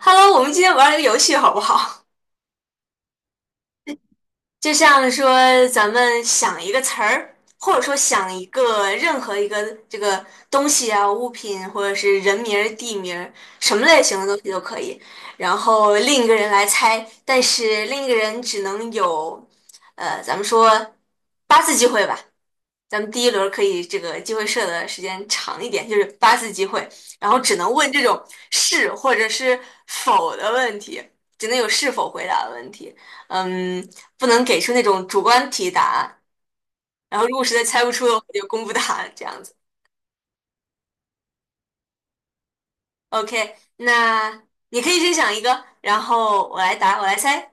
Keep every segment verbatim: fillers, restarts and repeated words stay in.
Hello，我们今天玩一个游戏好不好？就像说咱们想一个词儿，或者说想一个任何一个这个东西啊、物品或者是人名儿、地名儿，什么类型的东西都可以。然后另一个人来猜，但是另一个人只能有，呃，咱们说八次机会吧。咱们第一轮可以这个机会设的时间长一点，就是八次机会，然后只能问这种是或者是否的问题，只能有是否回答的问题，嗯，不能给出那种主观题答案。然后如果实在猜不出的话，就公布答案这样子。OK，那你可以先想一个，然后我来答，我来猜。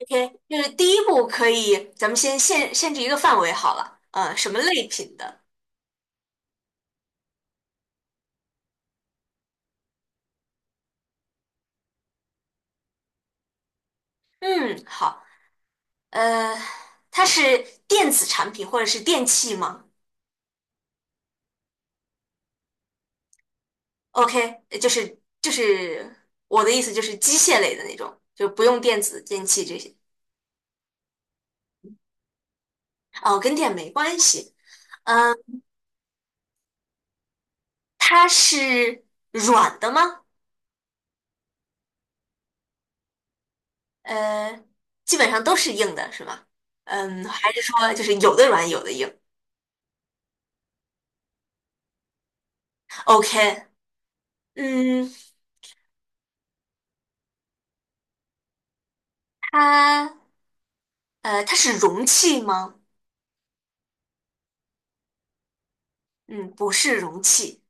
OK，就是第一步可以，咱们先限限制一个范围好了，呃，什么类品的？嗯，好。呃，它是电子产品或者是电器吗？OK，呃就是就是我的意思就是机械类的那种，就不用电子电器这些。哦，跟电没关系。嗯、它是软的吗？呃，基本上都是硬的，是吧？嗯，还是说就是有的软有的硬？OK，嗯，它呃它是容器吗？嗯，不是容器。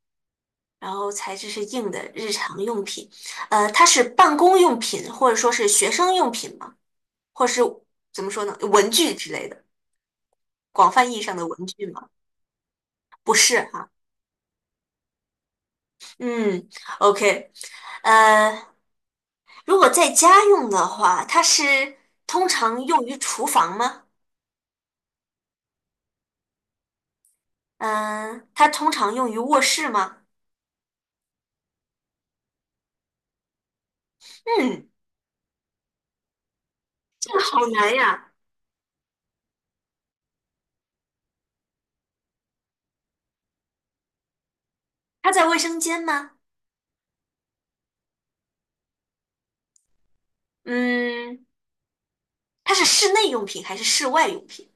然后材质是硬的，日常用品，呃，它是办公用品或者说是学生用品吗？或是怎么说呢，文具之类的，广泛意义上的文具吗？不是哈，嗯，OK，呃，如果在家用的话，它是通常用于厨房吗？嗯、它通常用于卧室吗？嗯，这个好难呀。它在卫生间吗？嗯，它是室内用品还是室外用品？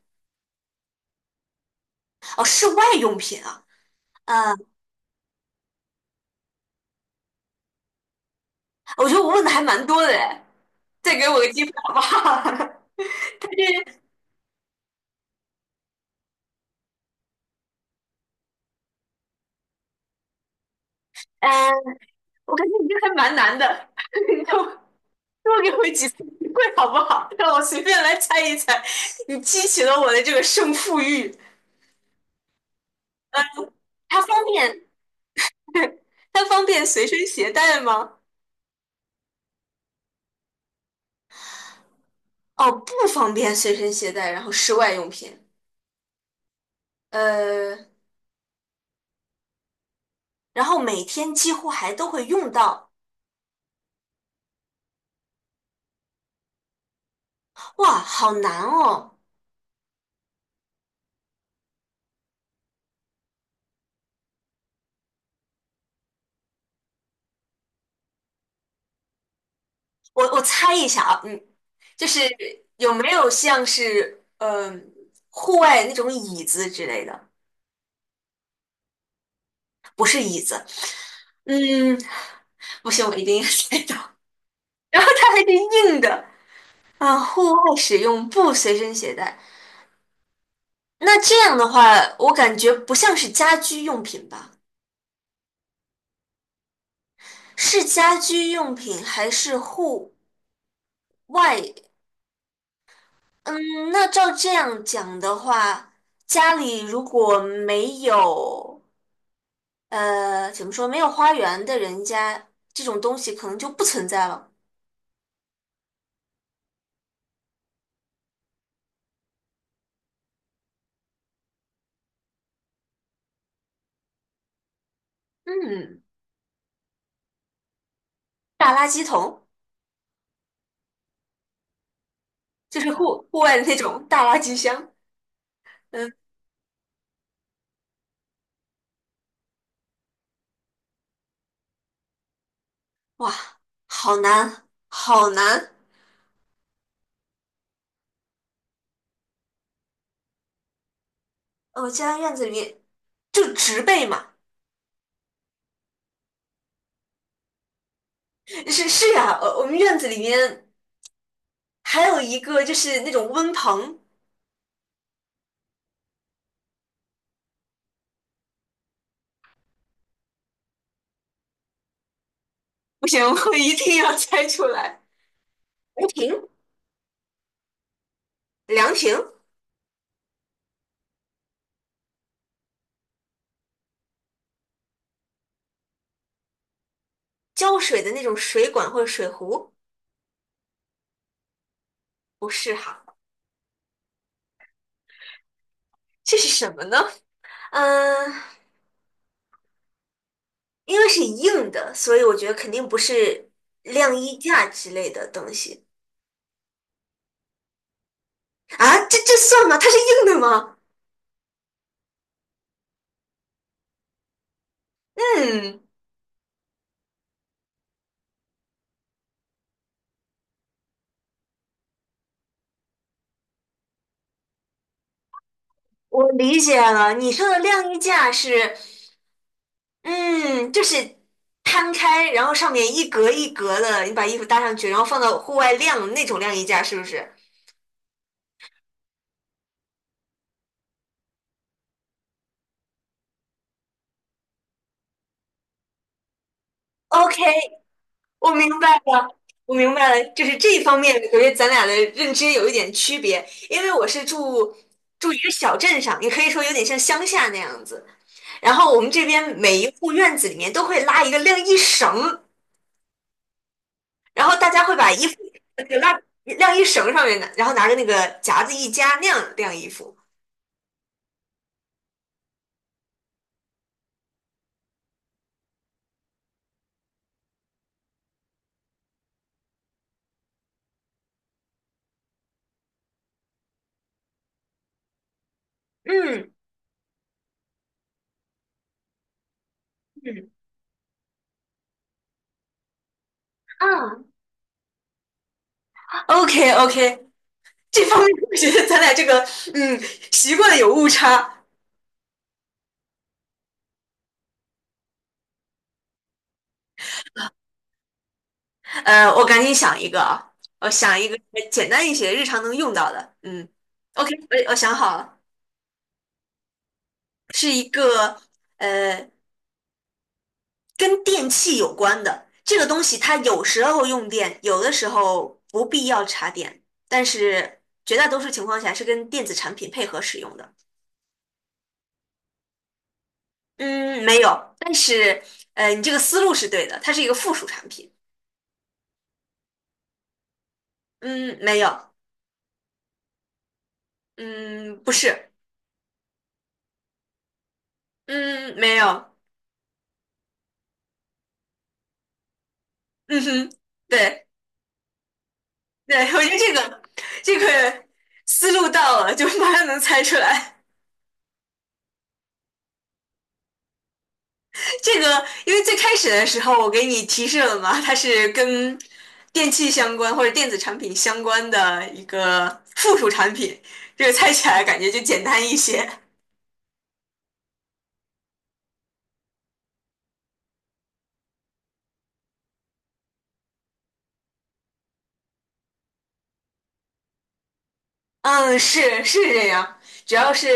哦，室外用品啊，呃。我觉得我问的还蛮多的哎，再给我个机会好不好？但是，嗯、我感觉你这还蛮难的，你多多给我几次机会好不好？让我随便来猜一猜，你激起了我的这个胜负欲。呃，它方便，它方便随身携带吗？哦，不方便随身携带，然后室外用品，呃，然后每天几乎还都会用到。哇，好难哦！我我猜一下啊，嗯，就是有没有像是嗯、呃户外那种椅子之类的？不是椅子，嗯，不行，我一定要猜到。然后它还是硬的啊，户外使用不随身携带。那这样的话，我感觉不像是家居用品吧？是家居用品还是户外？嗯，那照这样讲的话，家里如果没有。呃，怎么说，没有花园的人家，这种东西可能就不存在了。嗯，大垃圾桶就是户户外的那种大垃圾箱。嗯，哇，好难，好难。呃我家院子里面就植被嘛，是是呀，呃我们院子里面还有一个就是那种温棚，不行，我一定要猜出来。凉亭，凉亭，浇水的那种水管或者水壶，不是哈，这是什么呢？嗯、因为是硬的，所以我觉得肯定不是晾衣架之类的东西啊。这这算吗？它是硬的吗？嗯，我理解了。你说的晾衣架是，嗯，就是摊开，然后上面一格一格的，你把衣服搭上去，然后放到户外晾那种晾衣架，是不是？OK，我明白了，我明白了，就是这一方面，我觉得咱俩的认知有一点区别，因为我是住住一个小镇上，也可以说有点像乡下那样子。然后我们这边每一户院子里面都会拉一个晾衣绳，然后大家会把衣服那个拉晾衣绳上面拿，然后拿着那个夹子一夹，那样晾衣服。嗯嗯啊，OK OK，这方面我觉得咱俩这个嗯习惯有误差。呃，我赶紧想一个啊，我想一个简单一些、日常能用到的。嗯，OK，我我想好了，是一个呃跟电器有关的这个东西，它有时候用电，有的时候不必要插电，但是绝大多数情况下是跟电子产品配合使用的。嗯，没有，但是呃，你这个思路是对的，它是一个附属产品。嗯，没有，嗯，不是，嗯，没有，嗯哼，对。对，我觉得这个这个思路到了，就马上能猜出来。这个因为最开始的时候我给你提示了嘛，它是跟电器相关或者电子产品相关的一个附属产品，这个猜起来感觉就简单一些。嗯，是是这样，主要是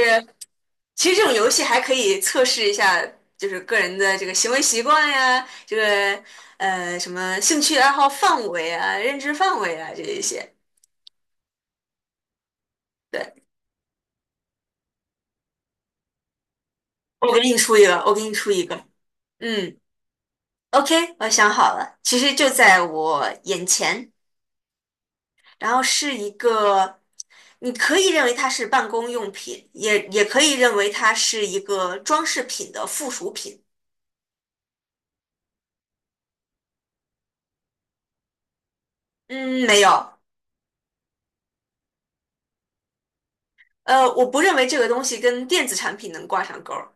其实这种游戏还可以测试一下，就是个人的这个行为习惯呀，这个呃什么兴趣爱好范围啊、认知范围啊这一些。对。我给你出一个，我给你出一个。嗯，OK，我想好了，其实就在我眼前，然后是一个，你可以认为它是办公用品，也也可以认为它是一个装饰品的附属品。嗯，没有，呃，我不认为这个东西跟电子产品能挂上钩儿。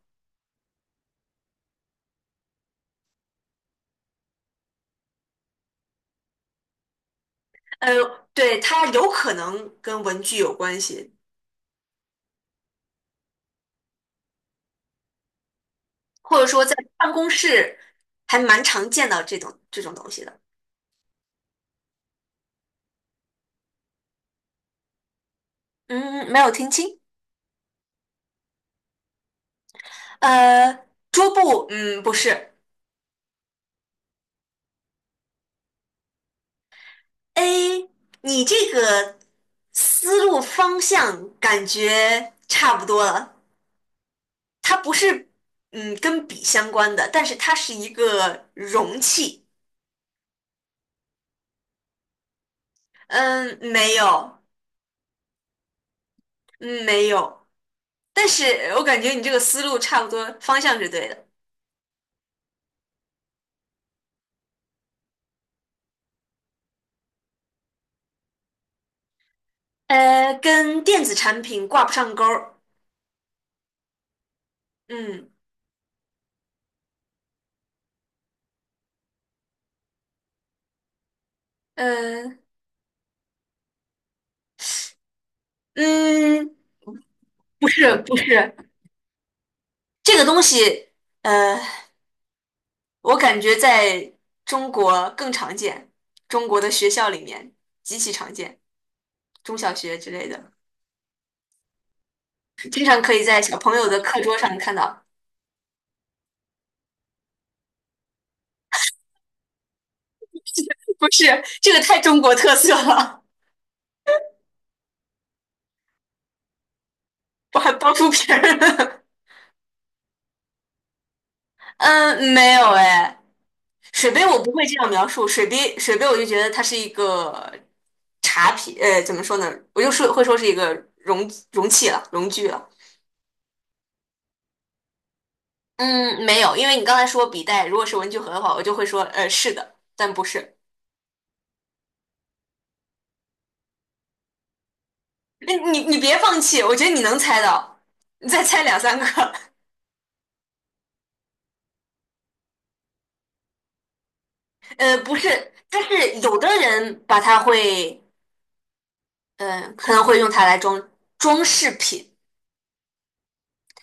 呃，对，它有可能跟文具有关系，或者说在办公室还蛮常见到这种这种东西的。嗯，没有听清。呃，桌布，嗯，不是。A，你这个思路方向感觉差不多了。它不是，嗯，跟笔相关的，但是它是一个容器。嗯，没有，嗯，没有。但是我感觉你这个思路差不多，方向是对的。呃，跟电子产品挂不上钩儿。嗯，呃，嗯，不是，不是，这个东西，呃。我感觉在中国更常见，中国的学校里面极其常见，中小学之类的，经常可以在小朋友的课桌上看到。不是，这个太中国特色了，我还包出皮儿了。嗯，没有哎，水杯我不会这样描述，水杯水杯我就觉得它是一个茶品，呃，怎么说呢？我就说会说是一个容容器了，容具了。嗯，没有，因为你刚才说笔袋，如果是文具盒的话，我就会说，呃，是的，但不是。你你你别放弃，我觉得你能猜到，你再猜两三个。呃，不是，但是有的人把它会，呃，可能会用它来装装饰品，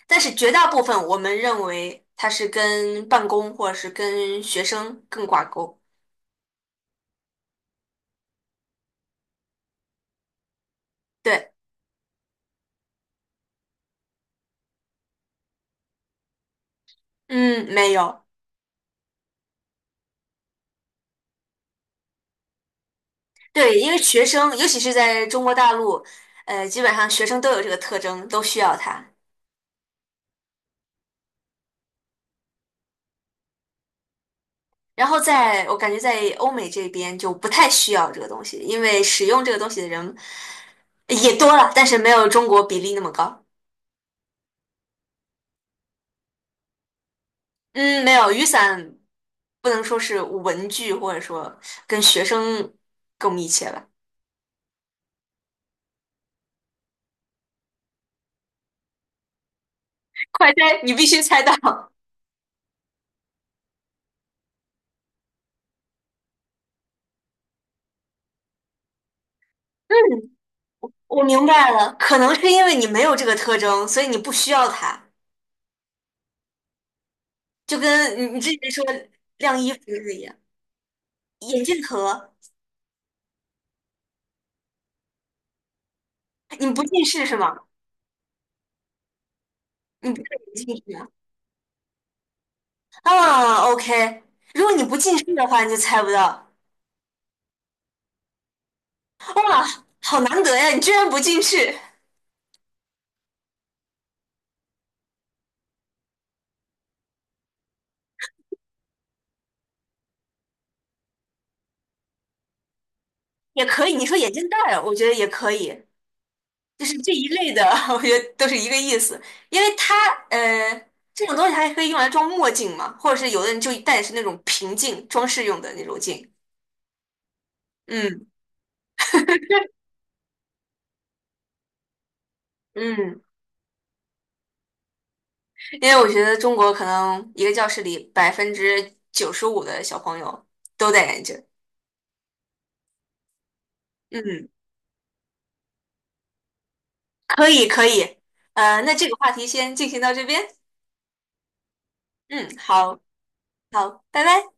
但是绝大部分我们认为它是跟办公或者是跟学生更挂钩。对，嗯，没有，对，因为学生，尤其是在中国大陆，呃，基本上学生都有这个特征，都需要它。然后在我感觉在欧美这边就不太需要这个东西，因为使用这个东西的人也多了，但是没有中国比例那么高。嗯，没有，雨伞不能说是文具，或者说跟学生更密切吧。快猜，你必须猜到。嗯，我明白了，可能是因为你没有这个特征，所以你不需要它，就跟你你之前说晾衣服是一样。眼镜盒，你不近视是吗？你不戴眼镜是吗？啊，OK，如果你不近视的话，你就猜不到。哇，好难得呀，你居然不近视，也可以。你说眼镜戴儿，我觉得也可以，就是这一类的，我觉得都是一个意思。因为它，呃，这种东西还可以用来装墨镜嘛，或者是有的人就戴的是那种平镜，装饰用的那种镜。嗯嗯，因为我觉得中国可能一个教室里百分之九十五的小朋友都戴眼镜。嗯，可以可以。呃，那这个话题先进行到这边。嗯，好好，拜拜。